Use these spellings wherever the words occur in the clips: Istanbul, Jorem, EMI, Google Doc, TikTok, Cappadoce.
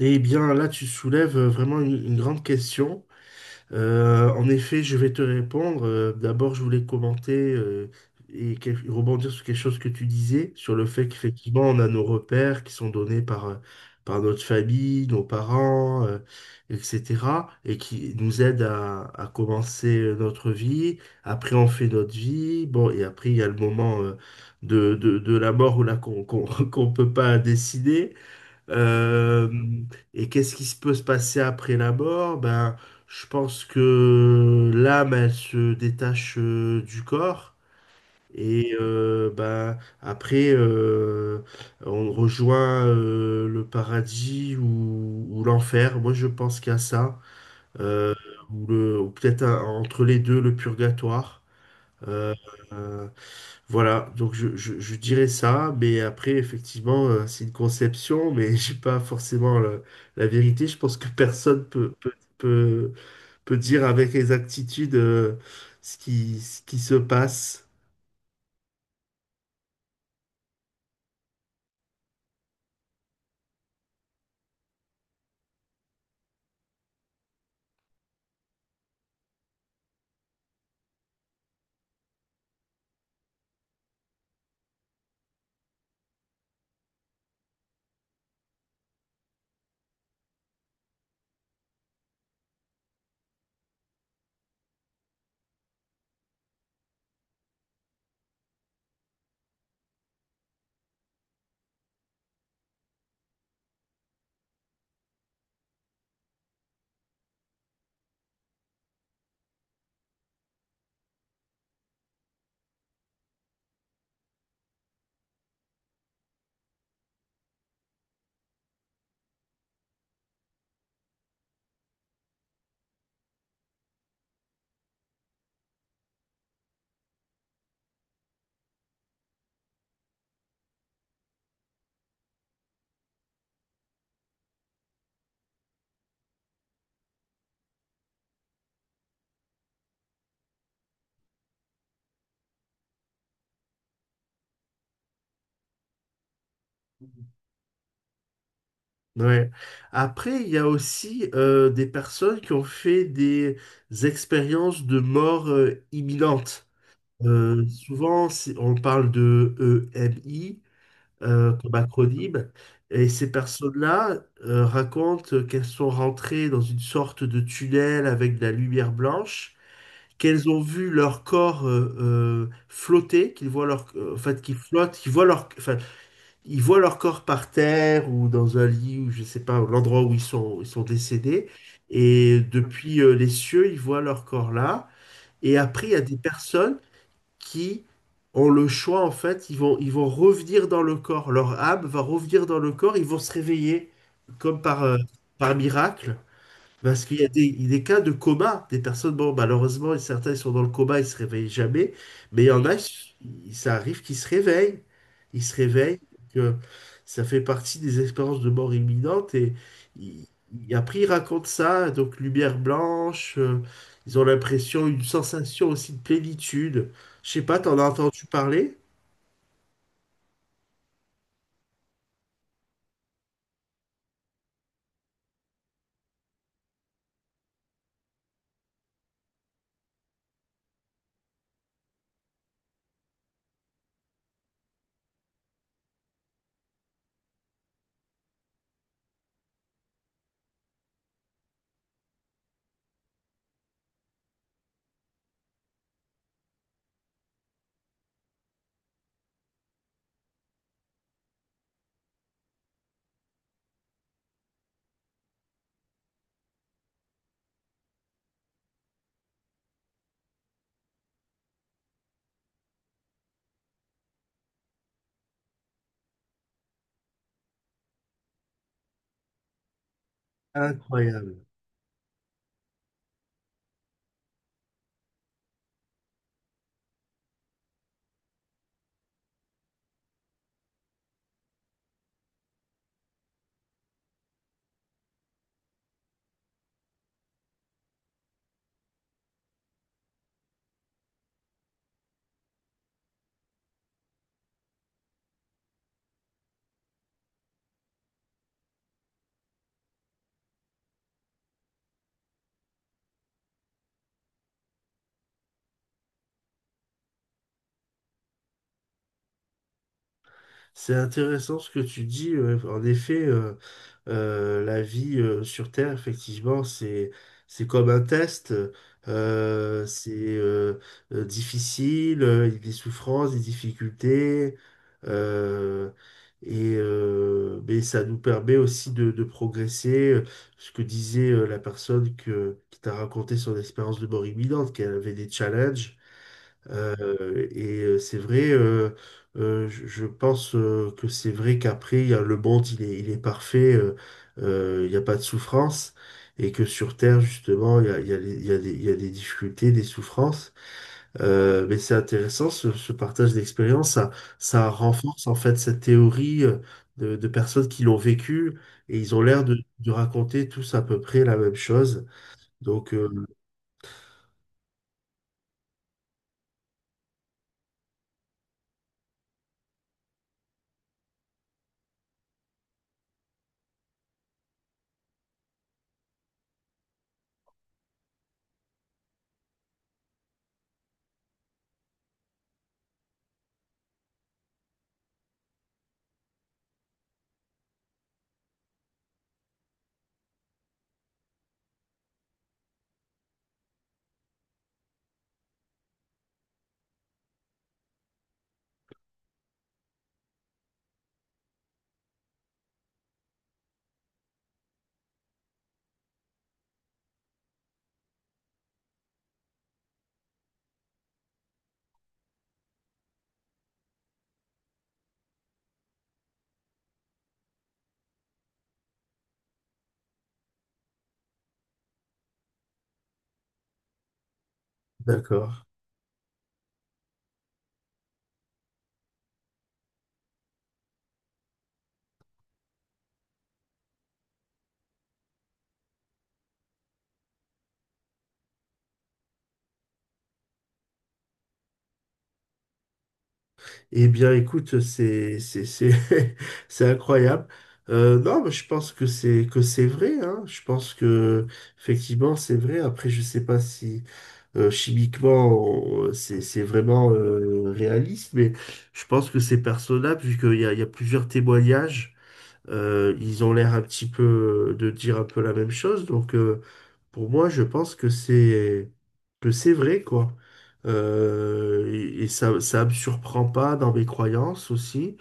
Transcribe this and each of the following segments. Eh bien, là, tu soulèves vraiment une grande question. En effet, je vais te répondre. D'abord, je voulais rebondir sur quelque chose que tu disais, sur le fait qu'effectivement, on a nos repères qui sont donnés par notre famille, nos parents, etc., et qui nous aident à commencer notre vie. Après, on fait notre vie. Bon, et après, il y a le moment de la mort où là, qu'on peut pas décider. Euh, et qu'est-ce qui se peut se passer après la mort? Ben, je pense que l'âme, elle se détache du corps. Et ben, après, on rejoint le paradis ou l'enfer. Moi, je pense qu'il y a ça. Ou peut-être entre les deux, le purgatoire. Euh, voilà, donc je dirais ça, mais après, effectivement, c'est une conception, mais j'ai pas forcément la vérité. Je pense que personne peut, peut dire avec exactitude ce qui se passe. Ouais. Après, il y a aussi des personnes qui ont fait des expériences de mort imminente. Souvent, on parle de EMI, comme acronyme. Et ces personnes-là racontent qu'elles sont rentrées dans une sorte de tunnel avec de la lumière blanche, qu'elles ont vu leur corps flotter, qu'ils voient leur, en fait, qu'ils flottent, qu'ils voient leur, enfin, ils voient leur corps par terre ou dans un lit ou je sais pas, l'endroit où ils sont décédés. Et depuis les cieux, ils voient leur corps là. Et après, il y a des personnes qui ont le choix, en fait, ils vont revenir dans le corps. Leur âme va revenir dans le corps, ils vont se réveiller comme par miracle. Parce qu'il y a des cas de coma, des personnes, bon, malheureusement, certains ils sont dans le coma, ils se réveillent jamais, mais il y en a, oui. Ça arrive qu'ils se réveillent. Ils se réveillent, que ça fait partie des expériences de mort imminente, et ils- après, ils racontent ça, donc lumière blanche, ils ont l'impression, une sensation aussi de plénitude. Je sais pas, t'en as entendu parler? Incroyable. C'est intéressant ce que tu dis, en effet. La vie sur Terre, effectivement, c'est comme un test. C'est difficile, il y a des souffrances, des difficultés. euh, mais ça nous permet aussi de progresser. Ce que disait la personne qui t'a raconté son expérience de mort imminente, qu'elle avait des challenges. Et c'est vrai, je pense que c'est vrai qu'après, le monde, il est parfait, il n'y a pas de souffrance, et que sur Terre, justement, il y a les- il y a des, il y a des difficultés, des souffrances. Mais c'est intéressant, ce partage d'expérience, ça renforce en fait cette théorie de personnes qui l'ont vécu, et ils ont l'air de raconter tous à peu près la même chose. Donc, d'accord. Eh bien, écoute, c'est c'est incroyable. Non, mais je pense que c'est vrai. Hein. Je pense que effectivement c'est vrai. Après, je sais pas si chimiquement c'est vraiment réaliste, mais je pense que c'est personnable vu qu'il y a plusieurs témoignages ils ont l'air un petit peu de dire un peu la même chose. Donc, pour moi, je pense que c'est vrai, quoi. Et ça, ça me surprend pas dans mes croyances aussi.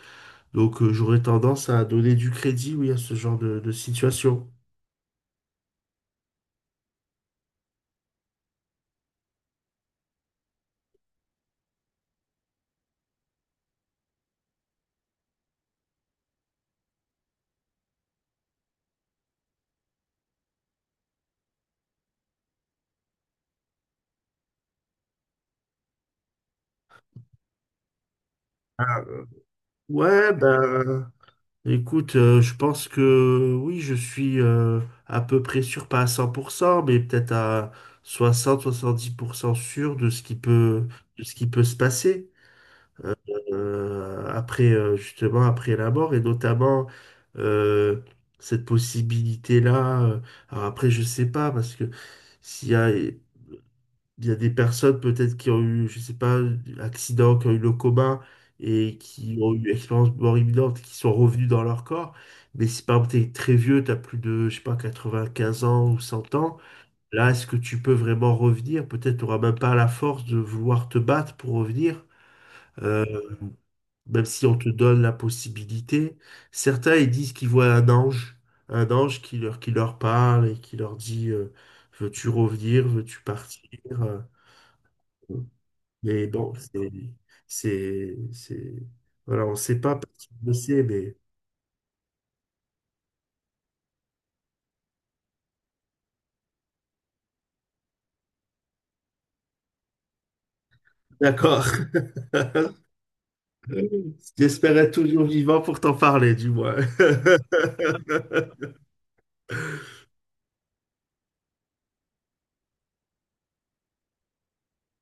Donc, j'aurais tendance à donner du crédit, oui, à ce genre de situation. Ah, ouais, ben, écoute, je pense que oui, je suis à peu près sûr, pas à 100%, mais peut-être à 60-70% sûr de ce qui peut se passer. Après Justement après la mort et notamment euh, cette possibilité-là. Alors après, je sais pas parce que s'il y a des personnes peut-être qui ont eu, je sais pas, accident, qui ont eu le coma et qui ont eu expérience de mort imminente, qui sont revenus dans leur corps. Mais si par exemple t'es très vieux, t'as plus de, je sais pas, 95 ans ou 100 ans, là, est-ce que tu peux vraiment revenir? Peut-être t'auras même pas la force de vouloir te battre pour revenir. euh, Même si on te donne la possibilité. Certains, ils disent qu'ils voient un ange qui leur parle et qui leur dit, veux-tu revenir, veux-tu partir? Mais bon, c'est, c'est, voilà, on ne sait pas parce personne ne sait, mais d'accord. J'espérais toujours vivant pour t'en parler, du moins.